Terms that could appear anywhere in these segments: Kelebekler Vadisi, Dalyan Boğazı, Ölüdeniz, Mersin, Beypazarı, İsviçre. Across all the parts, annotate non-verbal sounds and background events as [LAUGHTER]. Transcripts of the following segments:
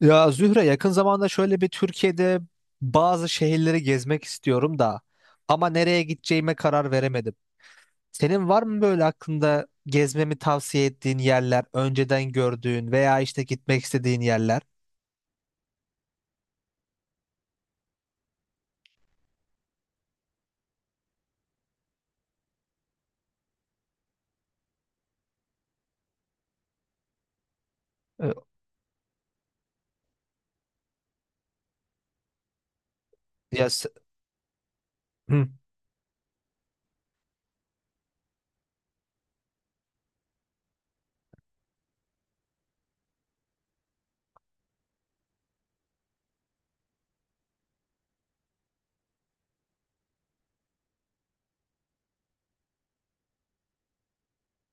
Ya Zühre yakın zamanda şöyle bir Türkiye'de bazı şehirleri gezmek istiyorum da ama nereye gideceğime karar veremedim. Senin var mı böyle aklında gezmemi tavsiye ettiğin yerler, önceden gördüğün veya işte gitmek istediğin yerler? E, Ya, s- Hı.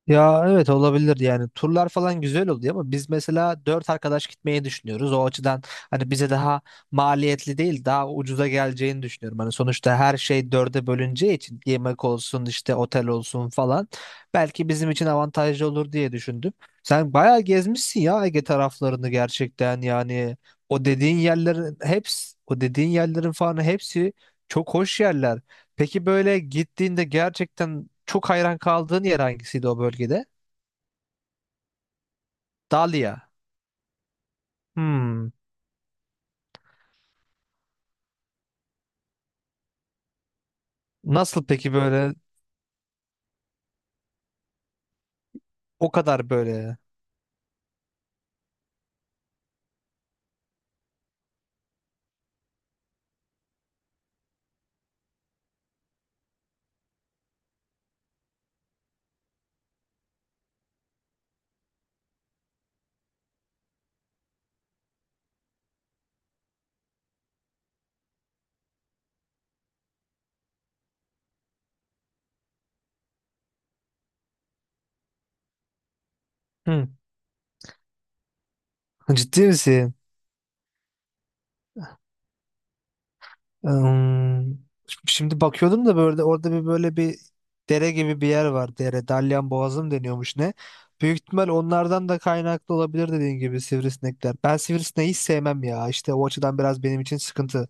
Ya evet olabilir yani turlar falan güzel oluyor ama biz mesela dört arkadaş gitmeyi düşünüyoruz. O açıdan hani bize daha maliyetli değil daha ucuza geleceğini düşünüyorum. Hani sonuçta her şey dörde bölüneceği için yemek olsun işte otel olsun falan belki bizim için avantajlı olur diye düşündüm. Sen bayağı gezmişsin ya Ege taraflarını gerçekten yani o dediğin yerlerin falan hepsi çok hoş yerler. Peki böyle gittiğinde gerçekten çok hayran kaldığın yer hangisiydi o bölgede? Dalia. Hmm. Nasıl peki böyle o kadar böyle? Hmm. Ciddi misin? Hmm. Şimdi bakıyordum da böyle orada bir böyle bir dere gibi bir yer var. Dere. Dalyan Boğazı mı deniyormuş ne? Büyük ihtimal onlardan da kaynaklı olabilir dediğin gibi sivrisinekler. Ben sivrisineği hiç sevmem ya. İşte o açıdan biraz benim için sıkıntı.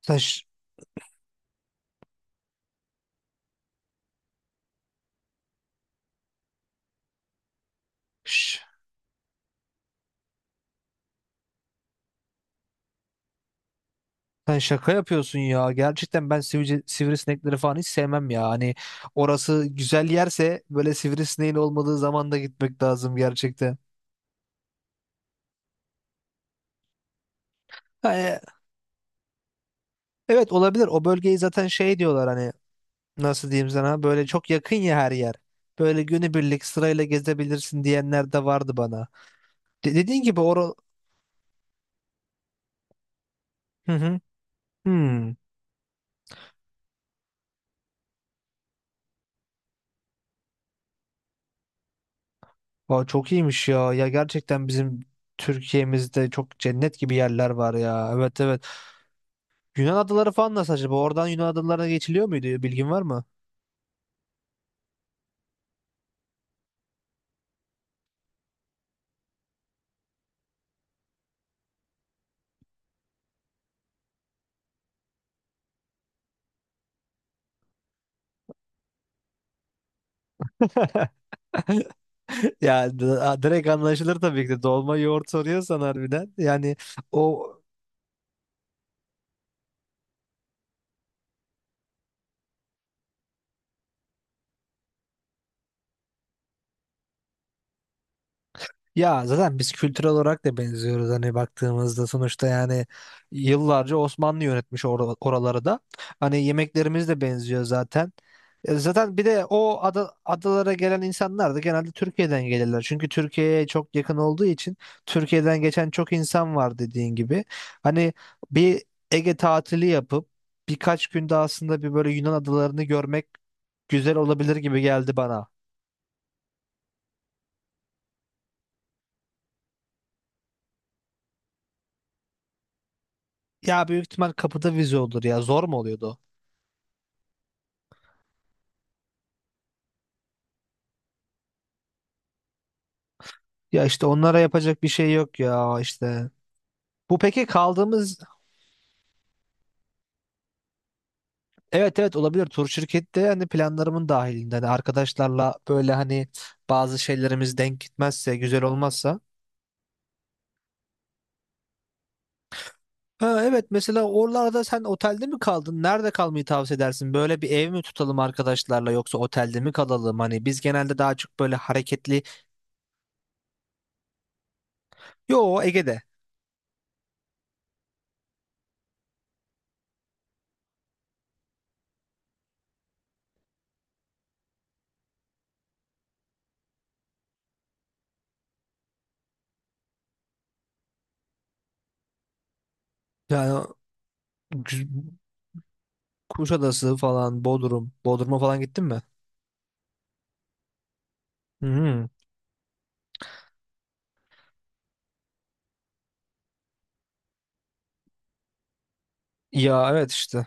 Sen ş- ş- Sen şaka yapıyorsun ya. Gerçekten ben sivrisinekleri falan hiç sevmem ya. Hani orası güzel yerse böyle sivrisineğin olmadığı zaman da gitmek lazım gerçekten. Ha, evet olabilir. O bölgeyi zaten şey diyorlar hani nasıl diyeyim sana böyle çok yakın ya her yer. Böyle günübirlik sırayla gezebilirsin diyenler de vardı bana. De- dediğin gibi or Hı hı. Hmm. Aa, çok iyiymiş ya. Ya gerçekten bizim Türkiye'mizde çok cennet gibi yerler var ya. Evet, evet. Yunan adaları falan nasıl acaba? Oradan Yunan adalarına geçiliyor muydu? Bilgin var mı? [LAUGHS] Ya direkt anlaşılır tabii ki de. Dolma yoğurt soruyorsan harbiden. Yani o Ya zaten biz kültürel olarak da benziyoruz hani baktığımızda sonuçta yani yıllarca Osmanlı yönetmiş oraları da. Hani yemeklerimiz de benziyor zaten. Zaten bir de o adalara gelen insanlar da genelde Türkiye'den gelirler. Çünkü Türkiye'ye çok yakın olduğu için Türkiye'den geçen çok insan var dediğin gibi. Hani bir Ege tatili yapıp birkaç günde aslında bir böyle Yunan adalarını görmek güzel olabilir gibi geldi bana. Ya büyük ihtimal kapıda vize olur ya. Zor mu oluyordu? Ya işte onlara yapacak bir şey yok ya işte. Bu peki kaldığımız Evet, evet, olabilir tur şirkette hani planlarımın dahilinde hani arkadaşlarla böyle hani bazı şeylerimiz denk gitmezse güzel olmazsa. Ha, evet mesela oralarda sen otelde mi kaldın? Nerede kalmayı tavsiye edersin? Böyle bir ev mi tutalım arkadaşlarla yoksa otelde mi kalalım? Hani biz genelde daha çok böyle hareketli. Yo, Ege'de. Yani Kuşadası falan Bodrum. Bodrum'a falan gittin mi? Hı hı. Ya evet işte.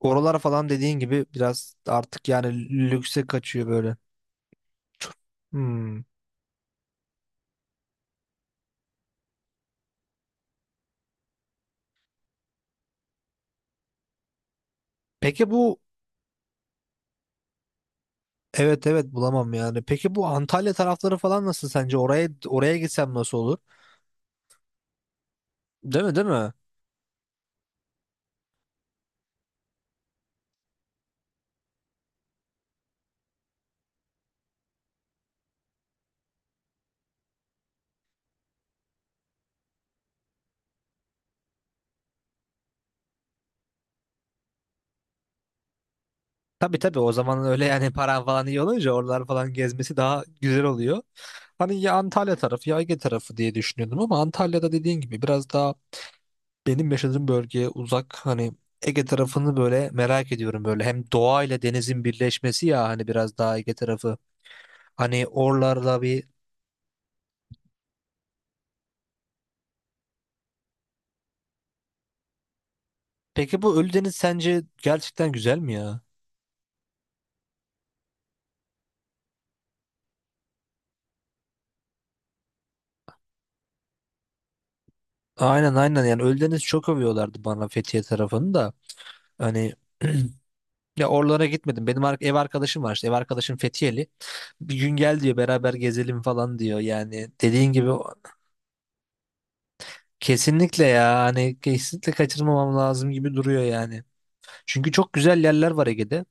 Oralar falan dediğin gibi biraz artık yani lükse kaçıyor böyle. Hmm. Peki bu Evet, evet, bulamam yani. Peki bu Antalya tarafları falan nasıl sence? Oraya gitsem nasıl olur? Değil mi, değil mi? Tabii, tabii, o zaman öyle yani [LAUGHS] paran falan iyi olunca oralar falan gezmesi daha güzel oluyor. Hani ya Antalya tarafı ya Ege tarafı diye düşünüyordum ama Antalya'da dediğin gibi biraz daha benim yaşadığım bölgeye uzak hani Ege tarafını böyle merak ediyorum böyle. Hem doğa ile denizin birleşmesi ya hani biraz daha Ege tarafı. Hani oralarda bir. Peki bu Ölüdeniz sence gerçekten güzel mi ya? Aynen, aynen, yani Ölüdeniz çok övüyorlardı bana Fethiye tarafını da. Hani [CLEARS THROAT] ya oralara gitmedim. Benim ev arkadaşım var işte ev arkadaşım Fethiyeli. Bir gün gel diyor beraber gezelim falan diyor. Yani dediğin gibi kesinlikle ya hani kesinlikle kaçırmamam lazım gibi duruyor yani. Çünkü çok güzel yerler var Ege'de.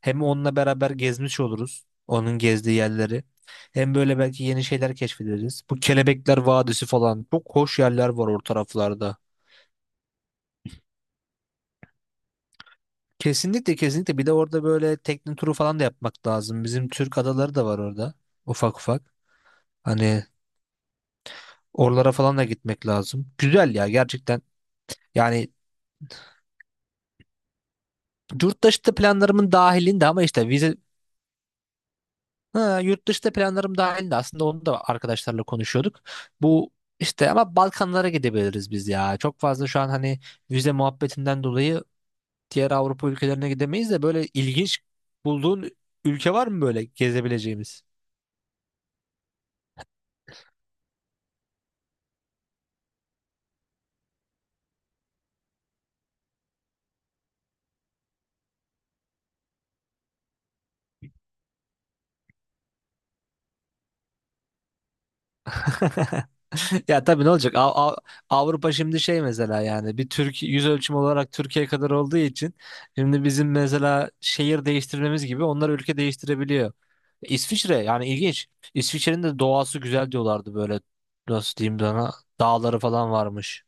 Hem onunla beraber gezmiş oluruz. Onun gezdiği yerleri. Hem böyle belki yeni şeyler keşfederiz. Bu Kelebekler Vadisi falan. Çok hoş yerler var o taraflarda. Kesinlikle, kesinlikle. Bir de orada böyle tekne turu falan da yapmak lazım. Bizim Türk adaları da var orada. Ufak ufak. Hani oralara falan da gitmek lazım. Güzel ya gerçekten. Yani yurt dışı da planlarımın dahilinde ama işte vize. Ha, yurt dışında planlarım dahildi aslında onu da arkadaşlarla konuşuyorduk. Bu işte ama Balkanlara gidebiliriz biz ya. Çok fazla şu an hani vize muhabbetinden dolayı diğer Avrupa ülkelerine gidemeyiz de böyle ilginç bulduğun ülke var mı böyle gezebileceğimiz? [LAUGHS] Ya tabii ne olacak? Avrupa şimdi şey mesela yani bir Türkiye yüz ölçümü olarak Türkiye kadar olduğu için şimdi bizim mesela şehir değiştirmemiz gibi onlar ülke değiştirebiliyor. İsviçre yani ilginç. İsviçre'nin de doğası güzel diyorlardı böyle nasıl diyeyim sana dağları falan varmış.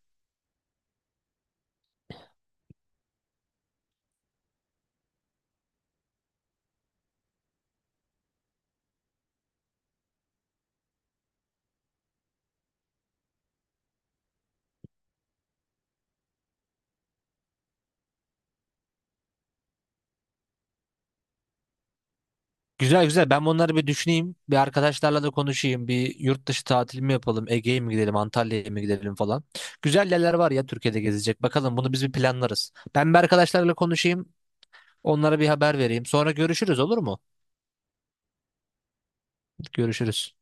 Güzel, güzel. Ben bunları bir düşüneyim. Bir arkadaşlarla da konuşayım. Bir yurt dışı tatil mi yapalım? Ege'ye mi gidelim? Antalya'ya mı gidelim falan. Güzel yerler var ya Türkiye'de gezecek. Bakalım bunu biz bir planlarız. Ben bir arkadaşlarla konuşayım. Onlara bir haber vereyim. Sonra görüşürüz olur mu? Görüşürüz.